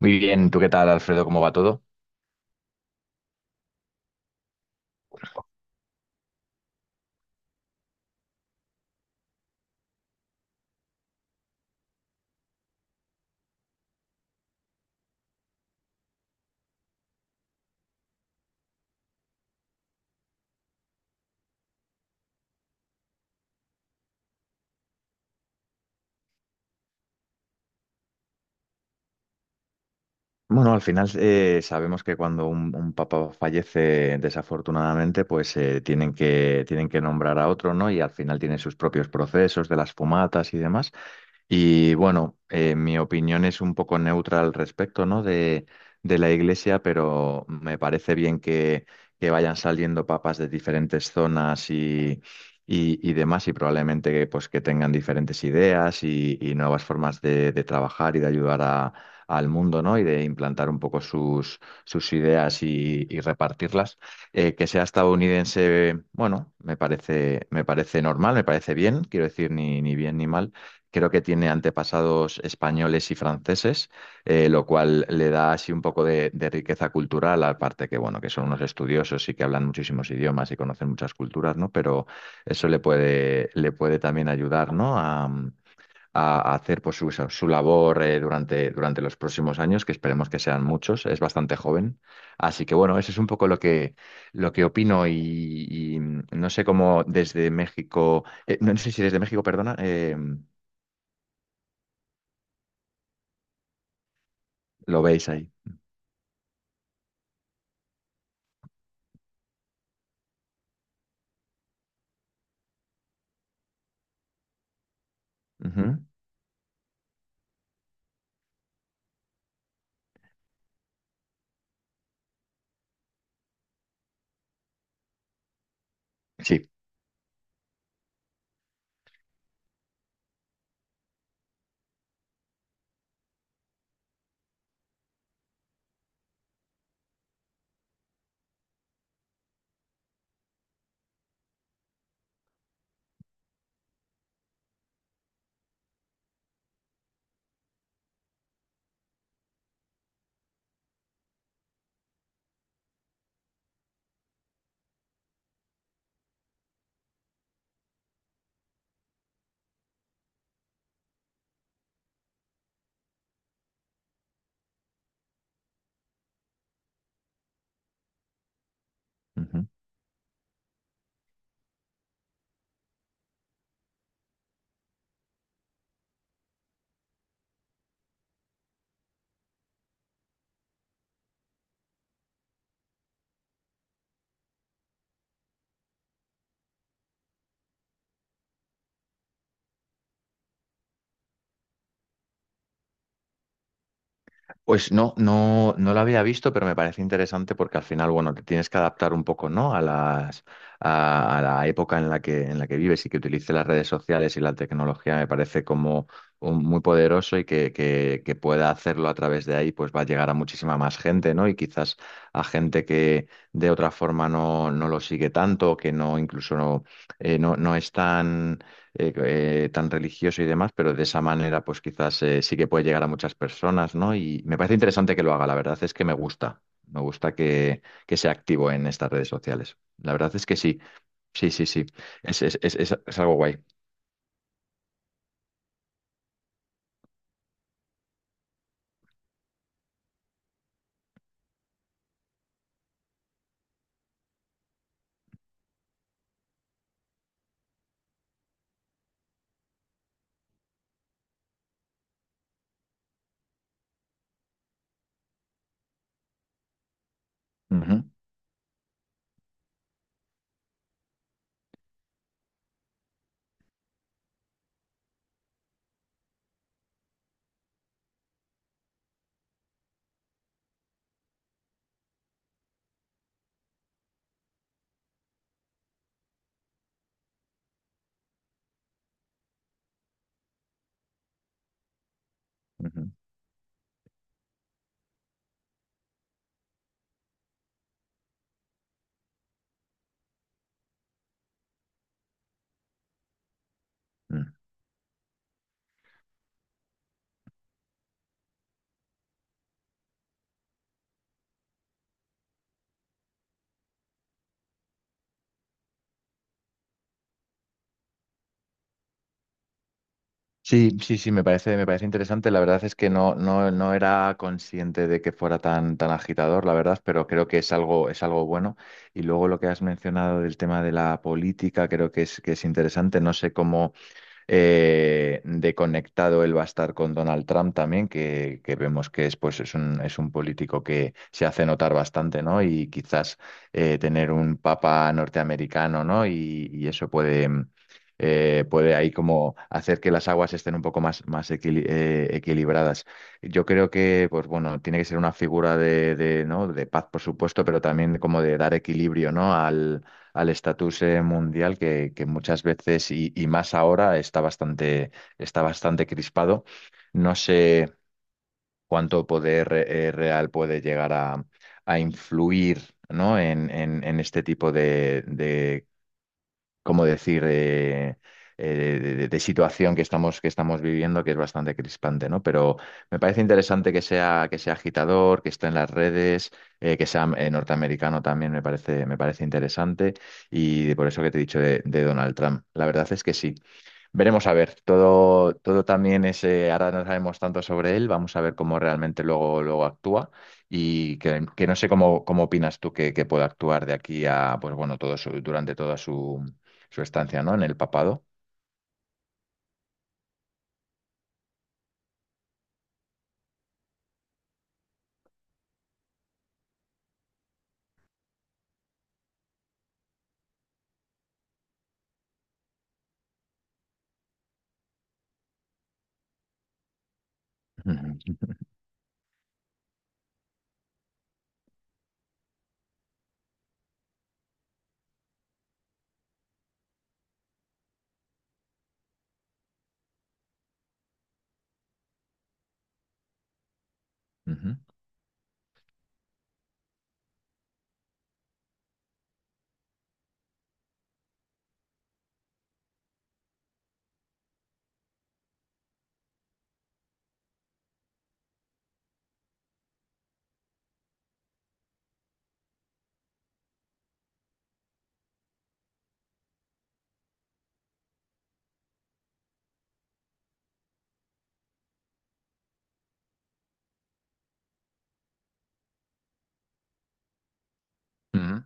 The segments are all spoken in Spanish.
Muy bien, ¿tú qué tal, Alfredo? ¿Cómo va todo? Bueno, al final sabemos que cuando un papa fallece desafortunadamente, pues tienen que nombrar a otro, ¿no? Y al final tiene sus propios procesos de las fumatas y demás. Y bueno, mi opinión es un poco neutra al respecto, ¿no? De la Iglesia, pero me parece bien que vayan saliendo papas de diferentes zonas y demás, y probablemente pues, que tengan diferentes ideas y nuevas formas de trabajar y de ayudar al mundo, ¿no? Y de implantar un poco sus, sus ideas y repartirlas. Que sea estadounidense, bueno, me parece normal, me parece bien, quiero decir, ni bien ni mal. Creo que tiene antepasados españoles y franceses, lo cual le da así un poco de riqueza cultural, aparte que, bueno, que son unos estudiosos y que hablan muchísimos idiomas y conocen muchas culturas, ¿no? Pero eso le puede también ayudar, ¿no? A hacer pues, su labor durante los próximos años, que esperemos que sean muchos, es bastante joven. Así que bueno, eso es un poco lo que opino no sé cómo desde México, no sé si desde México, perdona, lo veis ahí. Ujú. Sí. Ujú. Pues no, no, no lo había visto, pero me parece interesante porque al final, bueno, te tienes que adaptar un poco, ¿no? A la época en la en la que vives y que utilice las redes sociales y la tecnología me parece como muy poderoso y que pueda hacerlo a través de ahí, pues va a llegar a muchísima más gente, ¿no? Y quizás a gente que de otra forma no, no lo sigue tanto, que no, incluso no, no, no es tan eh, tan religioso y demás, pero de esa manera pues quizás sí que puede llegar a muchas personas, ¿no? Y me parece interesante que lo haga, la verdad es que me gusta que sea activo en estas redes sociales. La verdad es que sí, sí, sí, sí, es algo guay. Ujú, ujú, mm. Sí, sí, sí, me parece interesante. La verdad es que no, no, no era consciente de que fuera tan, tan agitador, la verdad, pero creo que es algo bueno. Y luego lo que has mencionado del tema de la política, creo que es interesante. No sé cómo de conectado él va a estar con Donald Trump también, que vemos que es, pues, es es un político que se hace notar bastante, ¿no? Y quizás tener un papa norteamericano, ¿no? Y eso puede, puede ahí como hacer que las aguas estén un poco más, equilibradas. Yo creo que, pues bueno, tiene que ser una figura de, ¿no? de paz, por supuesto, pero también como de dar equilibrio, ¿no? al estatus mundial que muchas veces y más ahora está bastante crispado. No sé cuánto poder real puede llegar a influir, ¿no? En este tipo de, cómo decir, de situación que estamos viviendo, que es bastante crispante, ¿no? Pero me parece interesante que sea agitador, que esté en las redes, que sea norteamericano también me parece interesante. Y por eso que te he dicho de Donald Trump. La verdad es que sí. Veremos a ver, todo, todo también es, ahora no sabemos tanto sobre él, vamos a ver cómo realmente luego, luego actúa que no sé cómo, cómo opinas tú que pueda actuar de aquí a, pues bueno, todo su, durante toda su, su estancia, ¿no? En el papado. Ujú, ujú, ujú.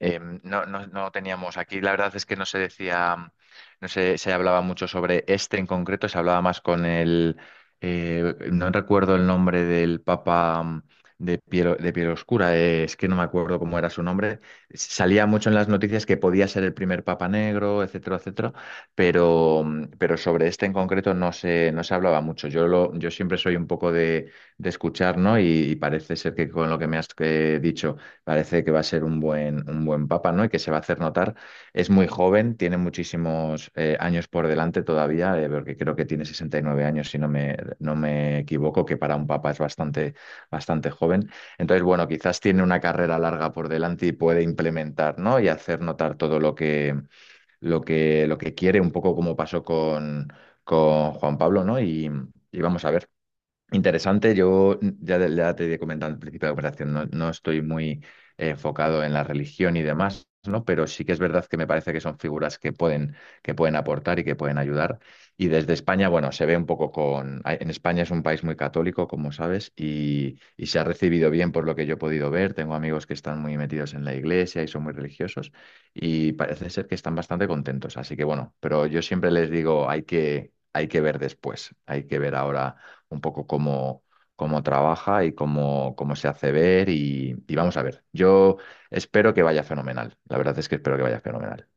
No, no, no teníamos aquí, la verdad es que no se decía, no se, se hablaba mucho sobre este en concreto, se hablaba más con el, no recuerdo el nombre del papa de piel oscura, es que no me acuerdo cómo era su nombre, salía mucho en las noticias que podía ser el primer papa negro, etcétera, etcétera, pero, pero sobre este en concreto no se hablaba mucho. Yo siempre soy un poco de escuchar, ¿no? Y parece ser que con lo que me has dicho parece que va a ser un buen papa, ¿no? Y que se va a hacer notar. Es muy joven, tiene muchísimos años por delante todavía, porque creo que tiene 69 años, si no me, no me equivoco, que para un papa es bastante, bastante joven. Entonces, bueno, quizás tiene una carrera larga por delante y puede implementar, ¿no? Y hacer notar todo lo que, lo que, lo que quiere, un poco como pasó con Juan Pablo, ¿no? Y vamos a ver. Interesante, yo ya te he comentado al principio de la conversación, no, no estoy muy enfocado en la religión y demás, ¿no? Pero sí que es verdad que me parece que son figuras que pueden aportar y que pueden ayudar. Y desde España, bueno, se ve un poco con... En España es un país muy católico, como sabes, y se ha recibido bien por lo que yo he podido ver. Tengo amigos que están muy metidos en la iglesia y son muy religiosos y parece ser que están bastante contentos. Así que bueno, pero yo siempre les digo, hay que ver después, hay que ver ahora un poco cómo, cómo trabaja y cómo, cómo se hace ver y vamos a ver. Yo espero que vaya fenomenal. La verdad es que espero que vaya fenomenal.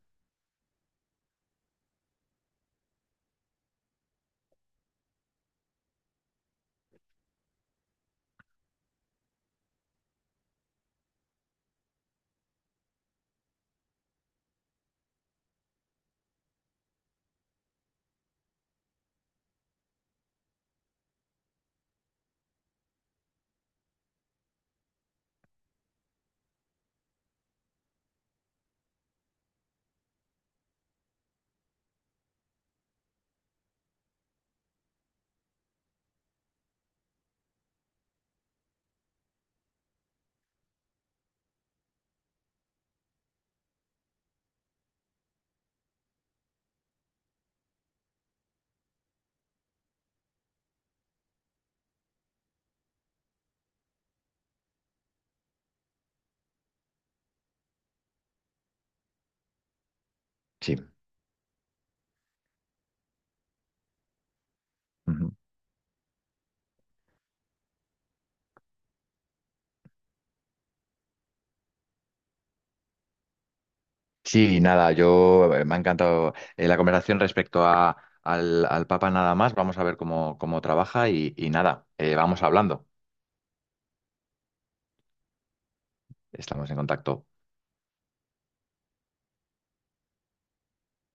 Sí. Ujú. Sí, nada, yo me ha encantado la conversación respecto a, al Papa nada más. Vamos a ver cómo, cómo trabaja y nada, vamos hablando. Estamos en contacto.